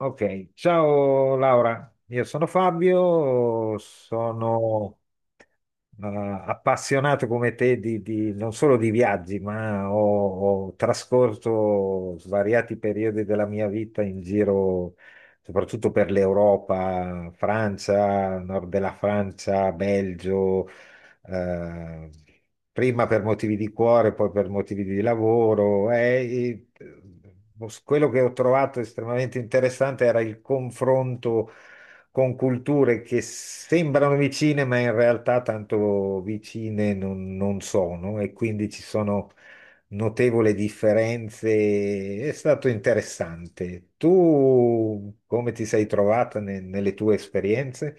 Ok, ciao Laura, io sono Fabio, sono eh, appassionato come te di, non solo di viaggi, ma ho trascorso svariati periodi della mia vita in giro, soprattutto per l'Europa, Francia, nord della Francia, Belgio, eh, prima per motivi di cuore, poi per motivi di lavoro. Quello che ho trovato estremamente interessante era il confronto con culture che sembrano vicine, ma in realtà tanto vicine non sono, e quindi ci sono notevoli differenze. È stato interessante. Tu come ti sei trovata nelle tue esperienze?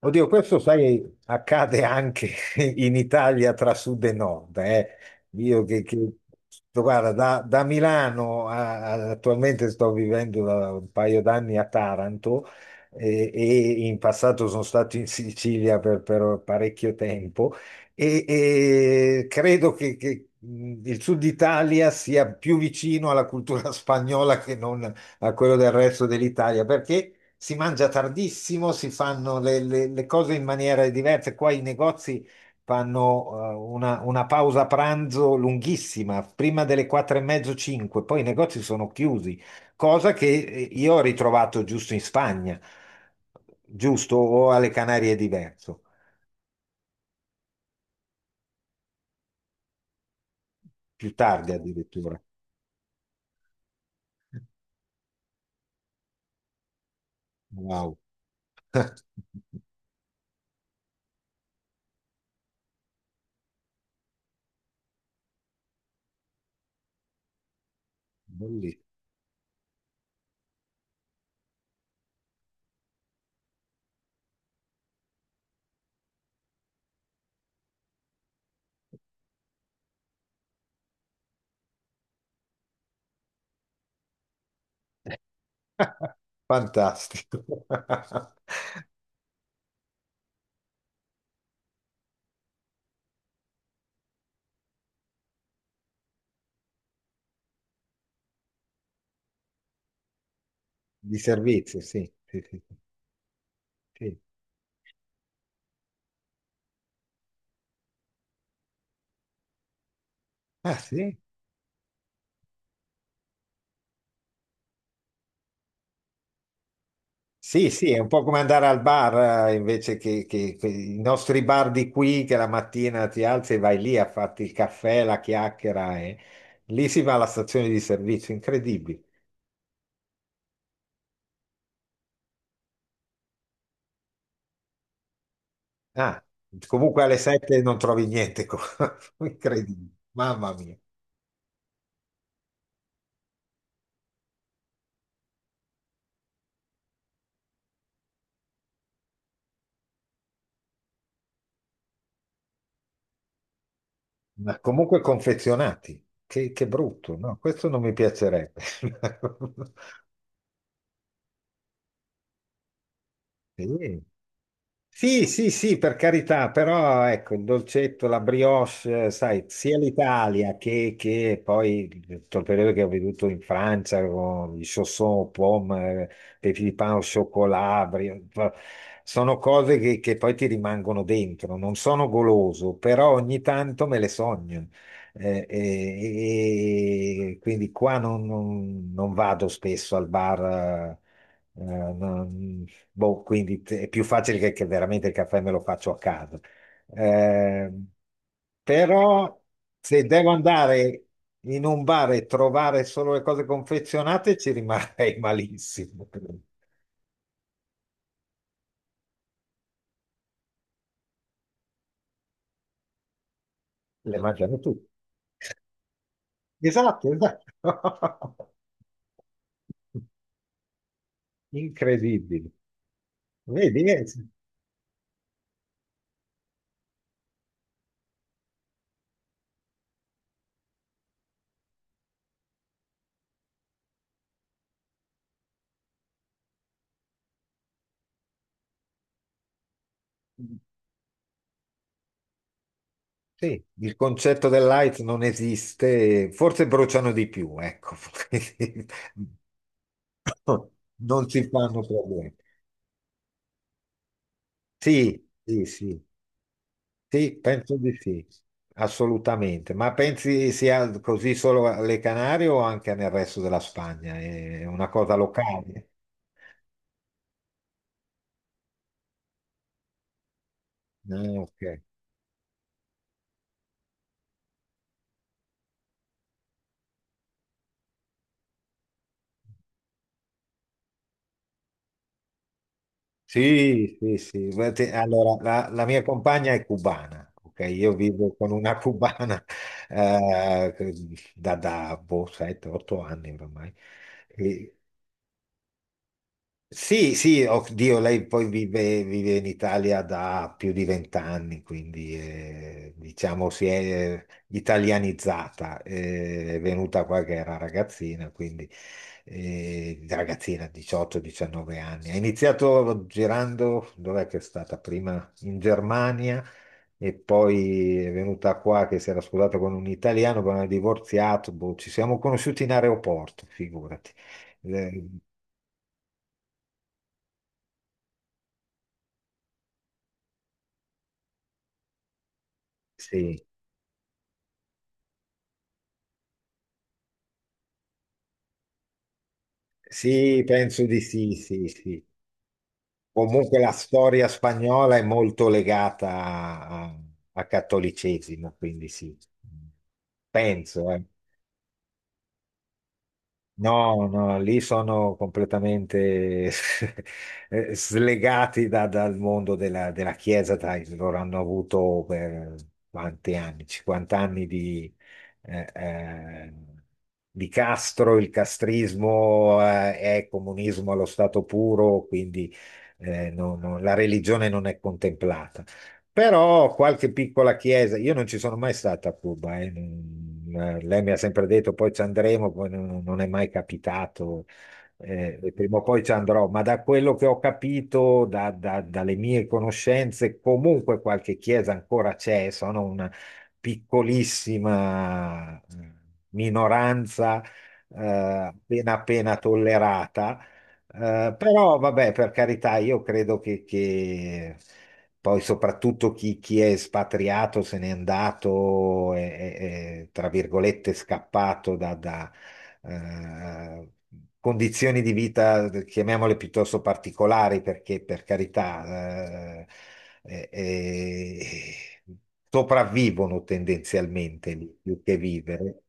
Oddio, questo sai, accade anche in Italia tra sud e nord. Io che, guarda, da Milano attualmente sto vivendo da un paio d'anni a Taranto e, in passato sono stato in Sicilia per parecchio tempo e credo il sud Italia sia più vicino alla cultura spagnola che non a quello del resto dell'Italia, perché si mangia tardissimo, si fanno le cose in maniere diverse. Qua i negozi fanno una pausa pranzo lunghissima, prima delle quattro e mezzo, cinque, poi i negozi sono chiusi, cosa che io ho ritrovato giusto in Spagna, giusto, o alle Canarie è diverso, più tardi addirittura. Wow. Bellissimo. Fantastico. Di servizio, sì. Sì, sì, sì. Ah, sì? Sì, sì, è un po' come andare al bar invece che i nostri bar di qui, che la mattina ti alzi e vai lì a farti il caffè, la chiacchiera. Lì si va alla stazione di servizio, incredibile. Ah, comunque alle 7 non trovi niente, incredibile, mamma mia. Ma comunque confezionati, che brutto, no? Questo non mi piacerebbe. Sì. Sì, sì, sì, per carità, però ecco, il dolcetto, la brioche, sai, sia l'Italia che poi tutto il periodo che ho veduto in Francia con i chaussons, pomme, petit di pain au chocolat, sono cose che poi ti rimangono dentro, non sono goloso, però ogni tanto me le sogno. Quindi qua non vado spesso al bar. No, boh, quindi è più facile che veramente il caffè me lo faccio a casa. Eh, Però se devo andare in un bar e trovare solo le cose confezionate, ci rimarrei malissimo. Le mangiano tutti. Esatto, esatto. Incredibile. Vedi, sì. Sì, il concetto del light non esiste, forse bruciano di più, ecco. Non si fanno problemi. Sì, sì, sì, sì, penso di sì, assolutamente. Ma pensi sia così solo alle Canarie o anche nel resto della Spagna? È una cosa locale? Ah, ok. Sì, sì, sì. Beh, allora, la mia compagna è cubana, ok? Io vivo con una cubana eh, da boh, 7-8 anni ormai. E, Sì, sì, oddio, lei poi vive in Italia da più di 20 anni, quindi diciamo si è italianizzata, è venuta qua che era ragazzina, quindi ragazzina 18-19 anni. Ha iniziato girando, dov'è che è stata prima? In Germania e poi è venuta qua che si era sposata con un italiano, poi hanno divorziato, boh, ci siamo conosciuti in aeroporto, figurati. Eh, sì, sì, penso di sì, sì, sì. Comunque la storia spagnola è molto legata a, a al cattolicesimo, quindi sì, penso. No, no, lì sono completamente slegati dal mondo della Chiesa, dai, loro hanno avuto per quanti anni? 50 anni eh, eh, di Castro, il castrismo è comunismo allo stato puro, quindi la religione non è contemplata. Però qualche piccola chiesa, io non ci sono mai stato a Cuba, lei mi ha sempre detto poi ci andremo, poi non è mai capitato, e prima o poi ci andrò, ma da quello che ho capito, dalle mie conoscenze, comunque qualche chiesa ancora c'è, sono una piccolissima minoranza, appena appena tollerata, però vabbè, per carità, io credo che poi soprattutto chi è espatriato, se n'è andato, è, tra virgolette, scappato da, eh, condizioni di vita, chiamiamole piuttosto particolari, perché per carità, è- è- sopravvivono tendenzialmente lì, più che vivere.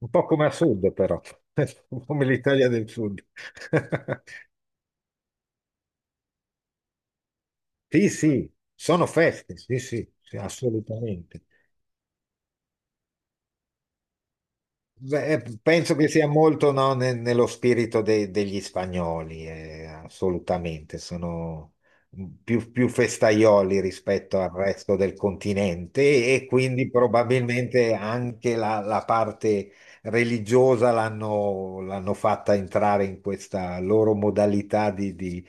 Un po' come a sud, però, come l'Italia del Sud. Sì, sì, sono feste, sì, sì, sì, assolutamente. Beh, penso che sia molto, no, nello spirito degli spagnoli, assolutamente, sono più festaioli rispetto al resto del continente e quindi probabilmente anche la parte religiosa l'hanno fatta entrare in questa loro modalità di di,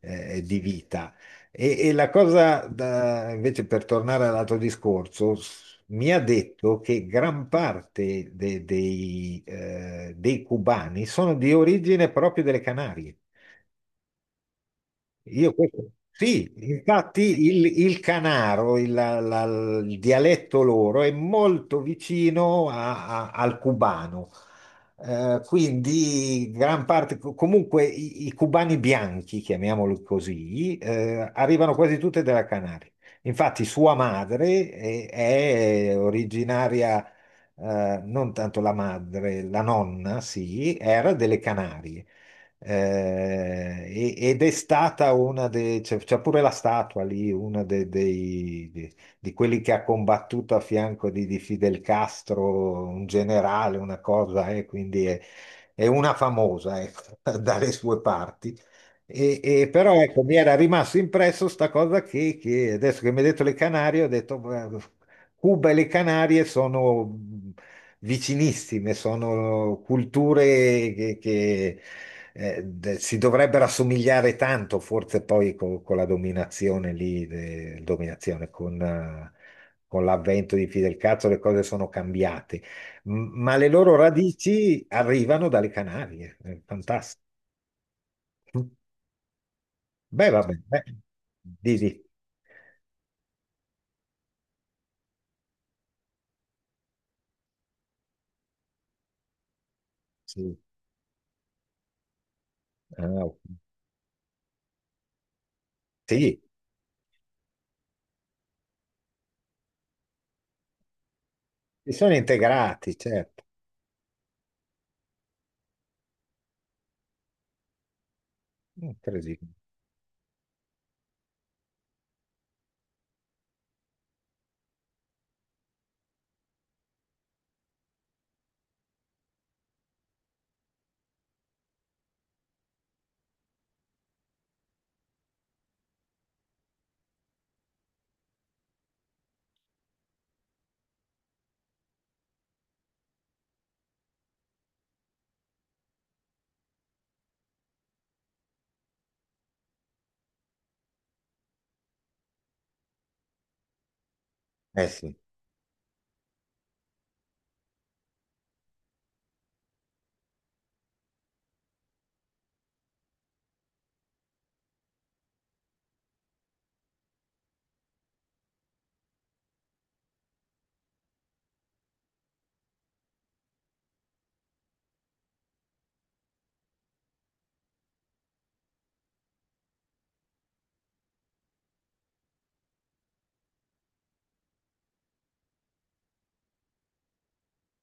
eh, di vita. E la cosa, invece, per tornare all'altro discorso, mi ha detto che gran parte dei cubani sono di origine proprio delle Canarie. Io sì, infatti il canaro, il dialetto loro è molto vicino al cubano. Quindi gran parte, comunque i cubani bianchi, chiamiamoli così, arrivano quasi tutte dalla Canaria. Infatti sua madre è originaria, non tanto la madre, la nonna, sì, era delle Canarie. Ed è stata una dei, c'è pure la statua lì, una dei, di quelli che ha combattuto a fianco di Fidel Castro, un generale, una cosa, quindi è una famosa, ecco, dalle sue parti. E però ecco, mi era rimasto impresso sta cosa che adesso che mi hai detto le Canarie, ho detto, "Beh, Cuba e le Canarie sono vicinissime, sono culture che si dovrebbero assomigliare tanto, forse poi con, la dominazione lì, dominazione con l'avvento di Fidel Cazzo le cose sono cambiate, M- ma le loro radici arrivano dalle Canarie, è fantastico. Beh, va bene, beh. Di, di- sì. Ah, ok. Sì, si sono integrati, certo, incredibile. Eh sì,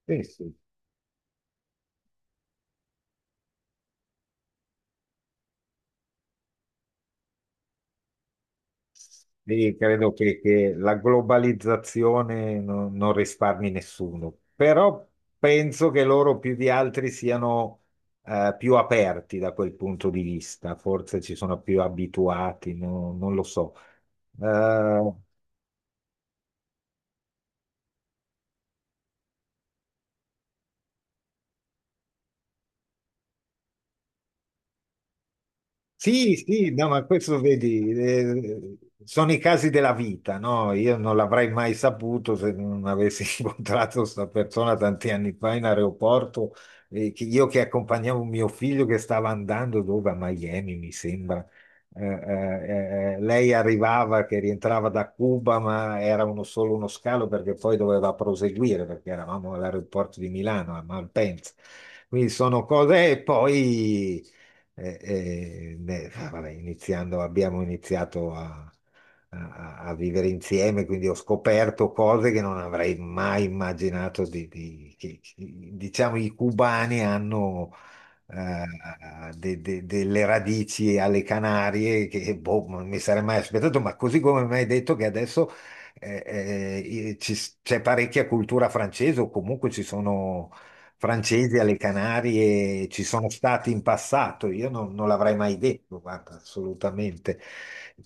sì, sì. Sì, credo che la globalizzazione non risparmi nessuno, però penso che loro più di altri siano più aperti da quel punto di vista, forse ci sono più abituati, non lo so. Eh, Sì, sì, no, ma questo vedi, sono i casi della vita, no? Io non l'avrei mai saputo se non avessi incontrato questa persona tanti anni fa in aeroporto, che io che accompagnavo mio figlio che stava andando dove? A Miami, mi sembra. Lei arrivava che rientrava da Cuba, ma era solo uno scalo perché poi doveva proseguire perché eravamo all'aeroporto di Milano, a Malpensa. Quindi sono cose e poi vabbè, iniziando, abbiamo iniziato a vivere insieme, quindi ho scoperto cose che non avrei mai immaginato diciamo, i cubani hanno delle radici alle Canarie che boh, non mi sarei mai aspettato, ma così come mi hai detto che adesso eh, eh, ci- c'è parecchia cultura francese o comunque ci sono francesi alle Canarie, ci sono stati in passato, io non l'avrei mai detto, guarda, assolutamente.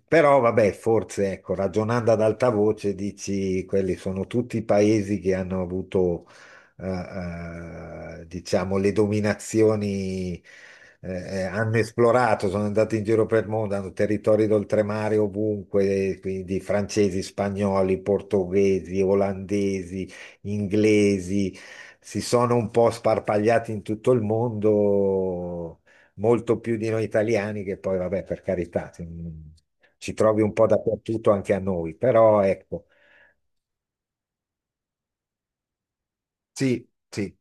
Però vabbè, forse ecco, ragionando ad alta voce dici quelli sono tutti paesi che hanno avuto eh, diciamo le dominazioni, eh, hanno esplorato, sono andati in giro per il mondo, hanno territori d'oltremare ovunque, quindi francesi, spagnoli, portoghesi, olandesi, inglesi, si sono un po' sparpagliati in tutto il mondo, molto più di noi italiani, che poi, vabbè, per carità, ci trovi un po' dappertutto anche a noi, però ecco, sì, sì,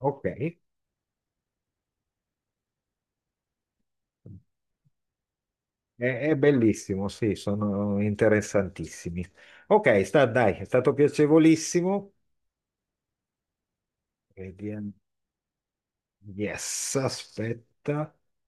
ok, è bellissimo, sì, sono interessantissimi. Ok, sta, dai, è stato piacevolissimo. Vediamo. Yes, aspetta.